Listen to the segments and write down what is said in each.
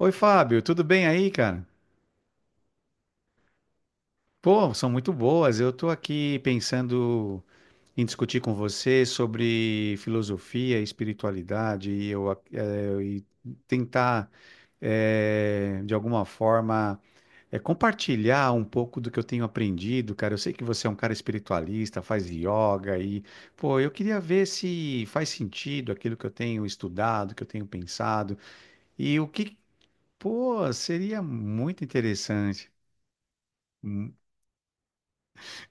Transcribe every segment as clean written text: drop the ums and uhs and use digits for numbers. Oi, Fábio, tudo bem aí, cara? Pô, são muito boas. Eu tô aqui pensando em discutir com você sobre filosofia, espiritualidade e tentar, de alguma forma, compartilhar um pouco do que eu tenho aprendido, cara. Eu sei que você é um cara espiritualista, faz yoga e, pô, eu queria ver se faz sentido aquilo que eu tenho estudado, que eu tenho pensado e o que, pô, seria muito interessante.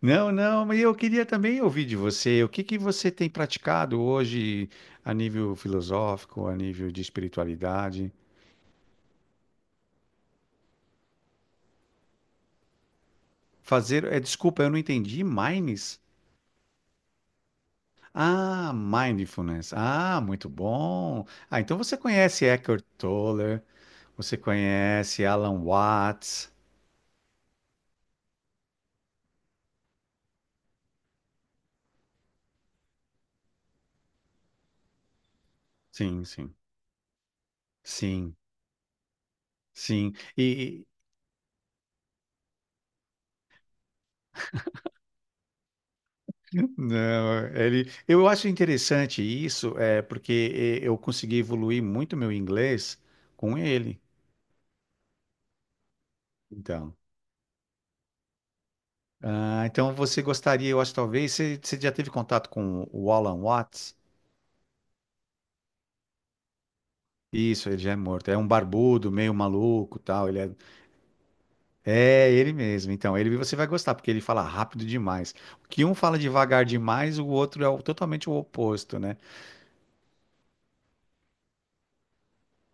Não, não, mas eu queria também ouvir de você, o que que você tem praticado hoje a nível filosófico, a nível de espiritualidade? Fazer, é, desculpa, eu não entendi, mindfulness? Ah, mindfulness. Ah, muito bom. Ah, então você conhece Eckhart Tolle, você conhece Alan Watts? Sim, sim. Sim, sim. E e- não, ele, eu acho interessante isso, é porque eu consegui evoluir muito meu inglês com ele. Então. Ah, então você gostaria, eu acho, talvez, você já teve contato com o Alan Watts? Isso, ele já é morto. É um barbudo, meio maluco, tal. Ele é, é ele mesmo. Então, ele você vai gostar porque ele fala rápido demais. O que um fala devagar demais, o outro é totalmente o oposto, né?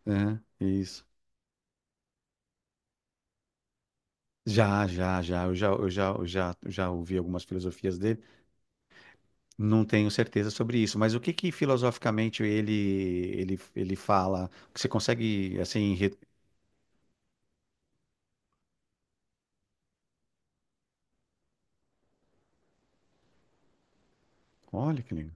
Aham, isso. Já, já, já. Eu já ouvi algumas filosofias dele. Não tenho certeza sobre isso, mas o que que filosoficamente ele fala? Que você consegue assim? Re- Olha que legal.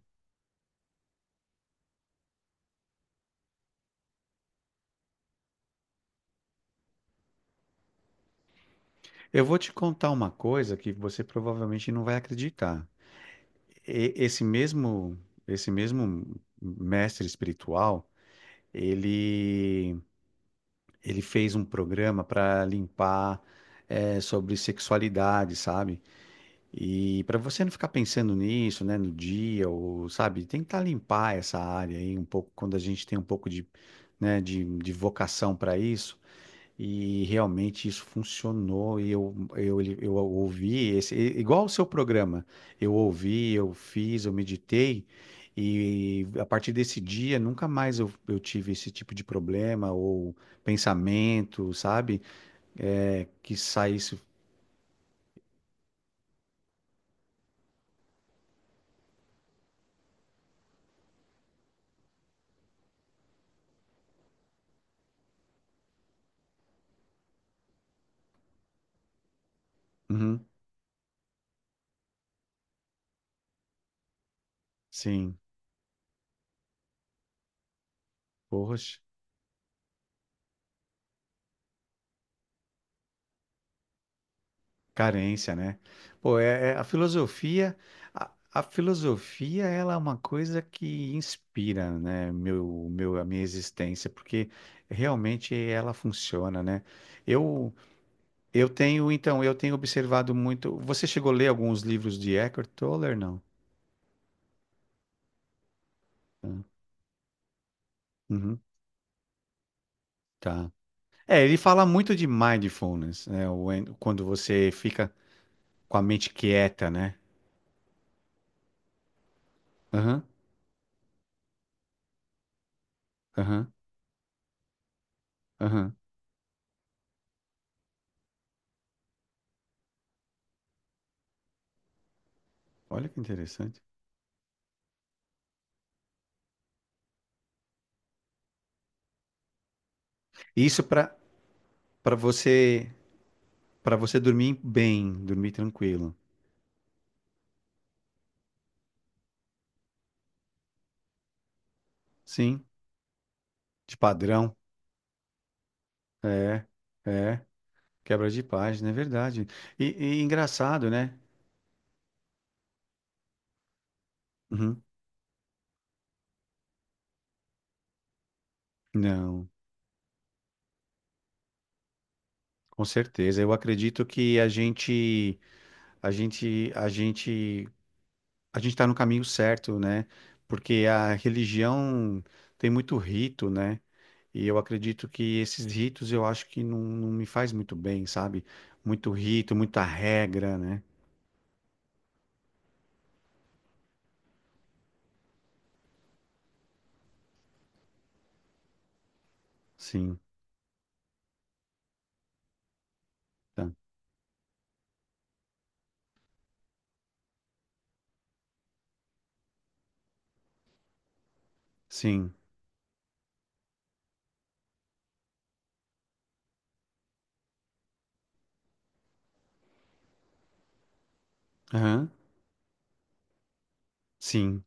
Eu vou te contar uma coisa que você provavelmente não vai acreditar. E- Esse mesmo, esse mesmo mestre espiritual, ele, ele fez um programa para limpar sobre sexualidade, sabe? E para você não ficar pensando nisso, né, no dia ou sabe, tentar limpar essa área aí um pouco quando a gente tem um pouco de, né, de vocação para isso e realmente isso funcionou. Eu ouvi esse, igual o seu programa. Eu ouvi, eu fiz, eu meditei, e a partir desse dia nunca mais eu tive esse tipo de problema ou pensamento, sabe? É, que saísse. Uhum, sim, poxa. Carência, né? Pô, é, é- a filosofia, ela é uma coisa que inspira, né, a minha existência, porque realmente ela funciona, né? Eu, eu tenho, então, eu tenho observado muito. Você chegou a ler alguns livros de Eckhart Tolle, não? Hum, uhum, tá. É, ele fala muito de mindfulness, né? Quando você fica com a mente quieta, né? Aham, aham, aham. Olha que interessante. Isso para Para você, para você dormir bem, dormir tranquilo. Sim, de padrão. É, é. Quebra de página, é verdade. E, e engraçado, né? Uhum. Não, com certeza. Eu acredito que a gente, a gente, a gente está no caminho certo, né? Porque a religião tem muito rito, né? E eu acredito que esses ritos eu acho que não, não me faz muito bem, sabe? Muito rito, muita regra, né? Sim. Tá. Sim, aham, sim.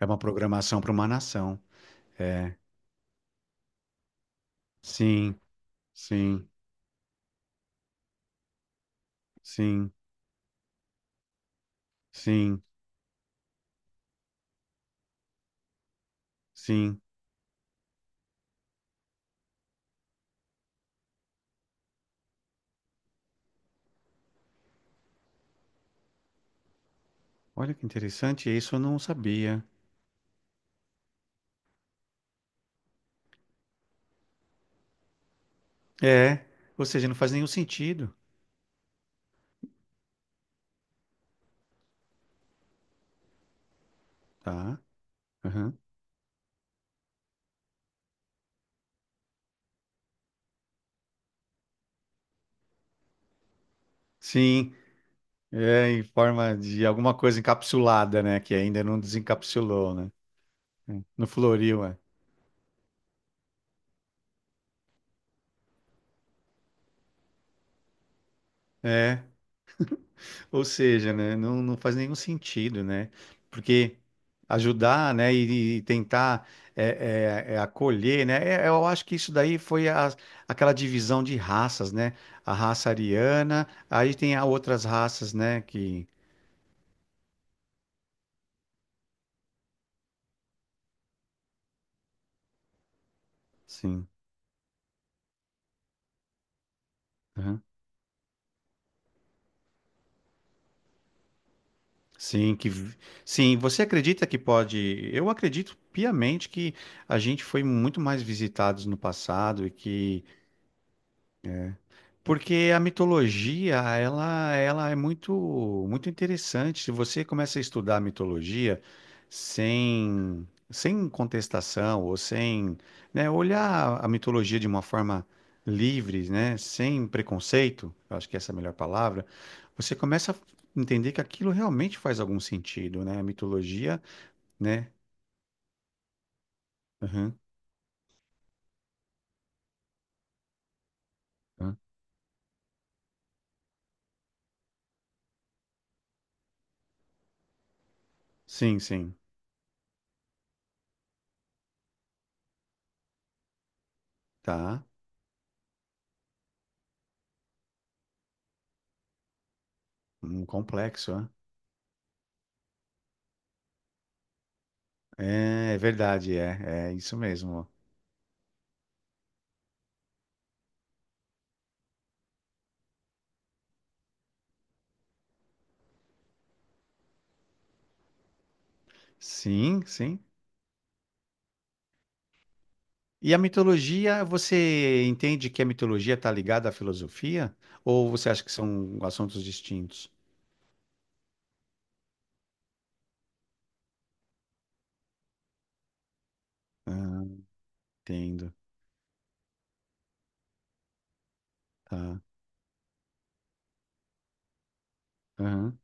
É uma programação para uma nação. É, sim, sim, sim, sim, sim. Olha que interessante, isso eu não sabia. É, ou seja, não faz nenhum sentido, tá? Aham. Sim, é em forma de alguma coisa encapsulada, né? Que ainda não desencapsulou, né? É. Não floriu, é. É, ou seja, né, não, não faz nenhum sentido, né? Porque ajudar, né, e tentar acolher, né? Eu acho que isso daí foi aquela divisão de raças, né? A raça ariana, aí tem a outras raças, né? Que sim, aham. Sim, que vi- sim. Você acredita que pode? Eu acredito piamente que a gente foi muito mais visitados no passado e que Porque a mitologia, ela é muito, muito interessante. Se você começa a estudar a mitologia sem contestação ou sem, né, olhar a mitologia de uma forma livre, né, sem preconceito, eu acho que essa é a melhor palavra, você começa a entender que aquilo realmente faz algum sentido, né? A mitologia, né? Aham, aham. Sim, sim, tá. Um complexo, né? É, é verdade, é, é isso mesmo. Sim, sim. E a mitologia, você entende que a mitologia está ligada à filosofia? Ou você acha que são assuntos distintos? Ah, entendo. Tá. Aham.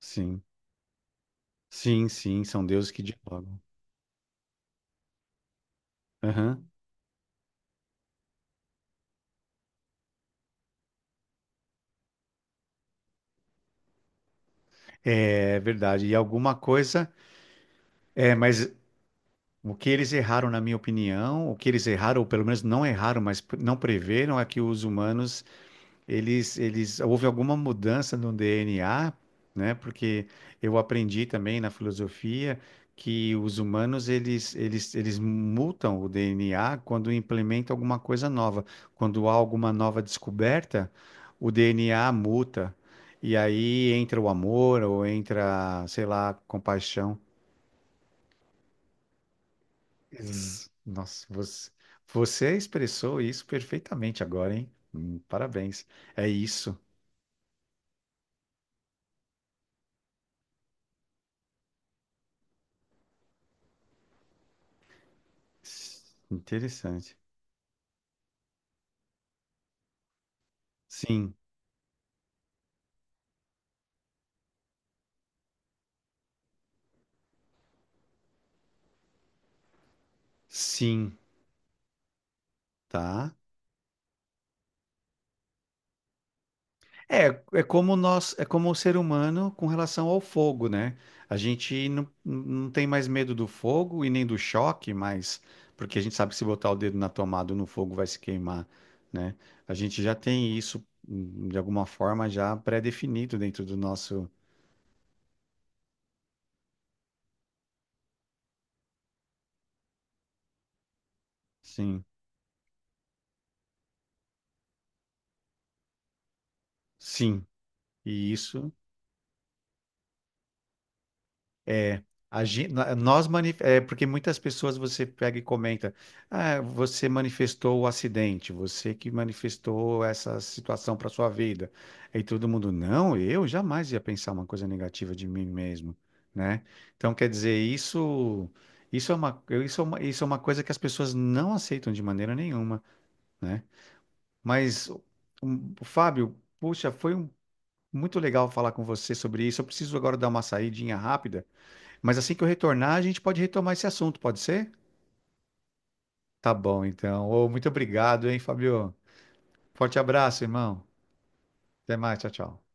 Sim. Sim, sim, são deuses que dialogam. Aham. É verdade. E alguma coisa. É, mas o que eles erraram, na minha opinião, o que eles erraram, ou pelo menos não erraram, mas pre- não preveram, é que os humanos houve alguma mudança no DNA, né? Porque eu aprendi também na filosofia que os humanos eles mutam o DNA quando implementam alguma coisa nova. Quando há alguma nova descoberta, o DNA muta. E aí entra o amor ou entra, sei lá, a compaixão. Ex- Nossa, você expressou isso perfeitamente agora, hein? Parabéns. É isso. Interessante. Sim, sim, tá. É, é como nós, é como o ser humano com relação ao fogo, né? A gente não, não tem mais medo do fogo e nem do choque, mas porque a gente sabe que se botar o dedo na tomada ou no fogo vai se queimar, né? A gente já tem isso de alguma forma já pré-definido dentro do nosso, sim, sim. E isso É, nós é, porque muitas pessoas você pega e comenta, ah, você manifestou o acidente, você que manifestou essa situação para sua vida. Aí todo mundo, não, eu jamais ia pensar uma coisa negativa de mim mesmo, né? Então quer dizer, isso é uma coisa que as pessoas não aceitam de maneira nenhuma, né? Mas um, Fábio, puxa, muito legal falar com você sobre isso. Eu preciso agora dar uma saidinha rápida. Mas assim que eu retornar, a gente pode retomar esse assunto, pode ser? Tá bom, então. Ô, muito obrigado, hein, Fabio? Forte abraço, irmão. Até mais, tchau, tchau.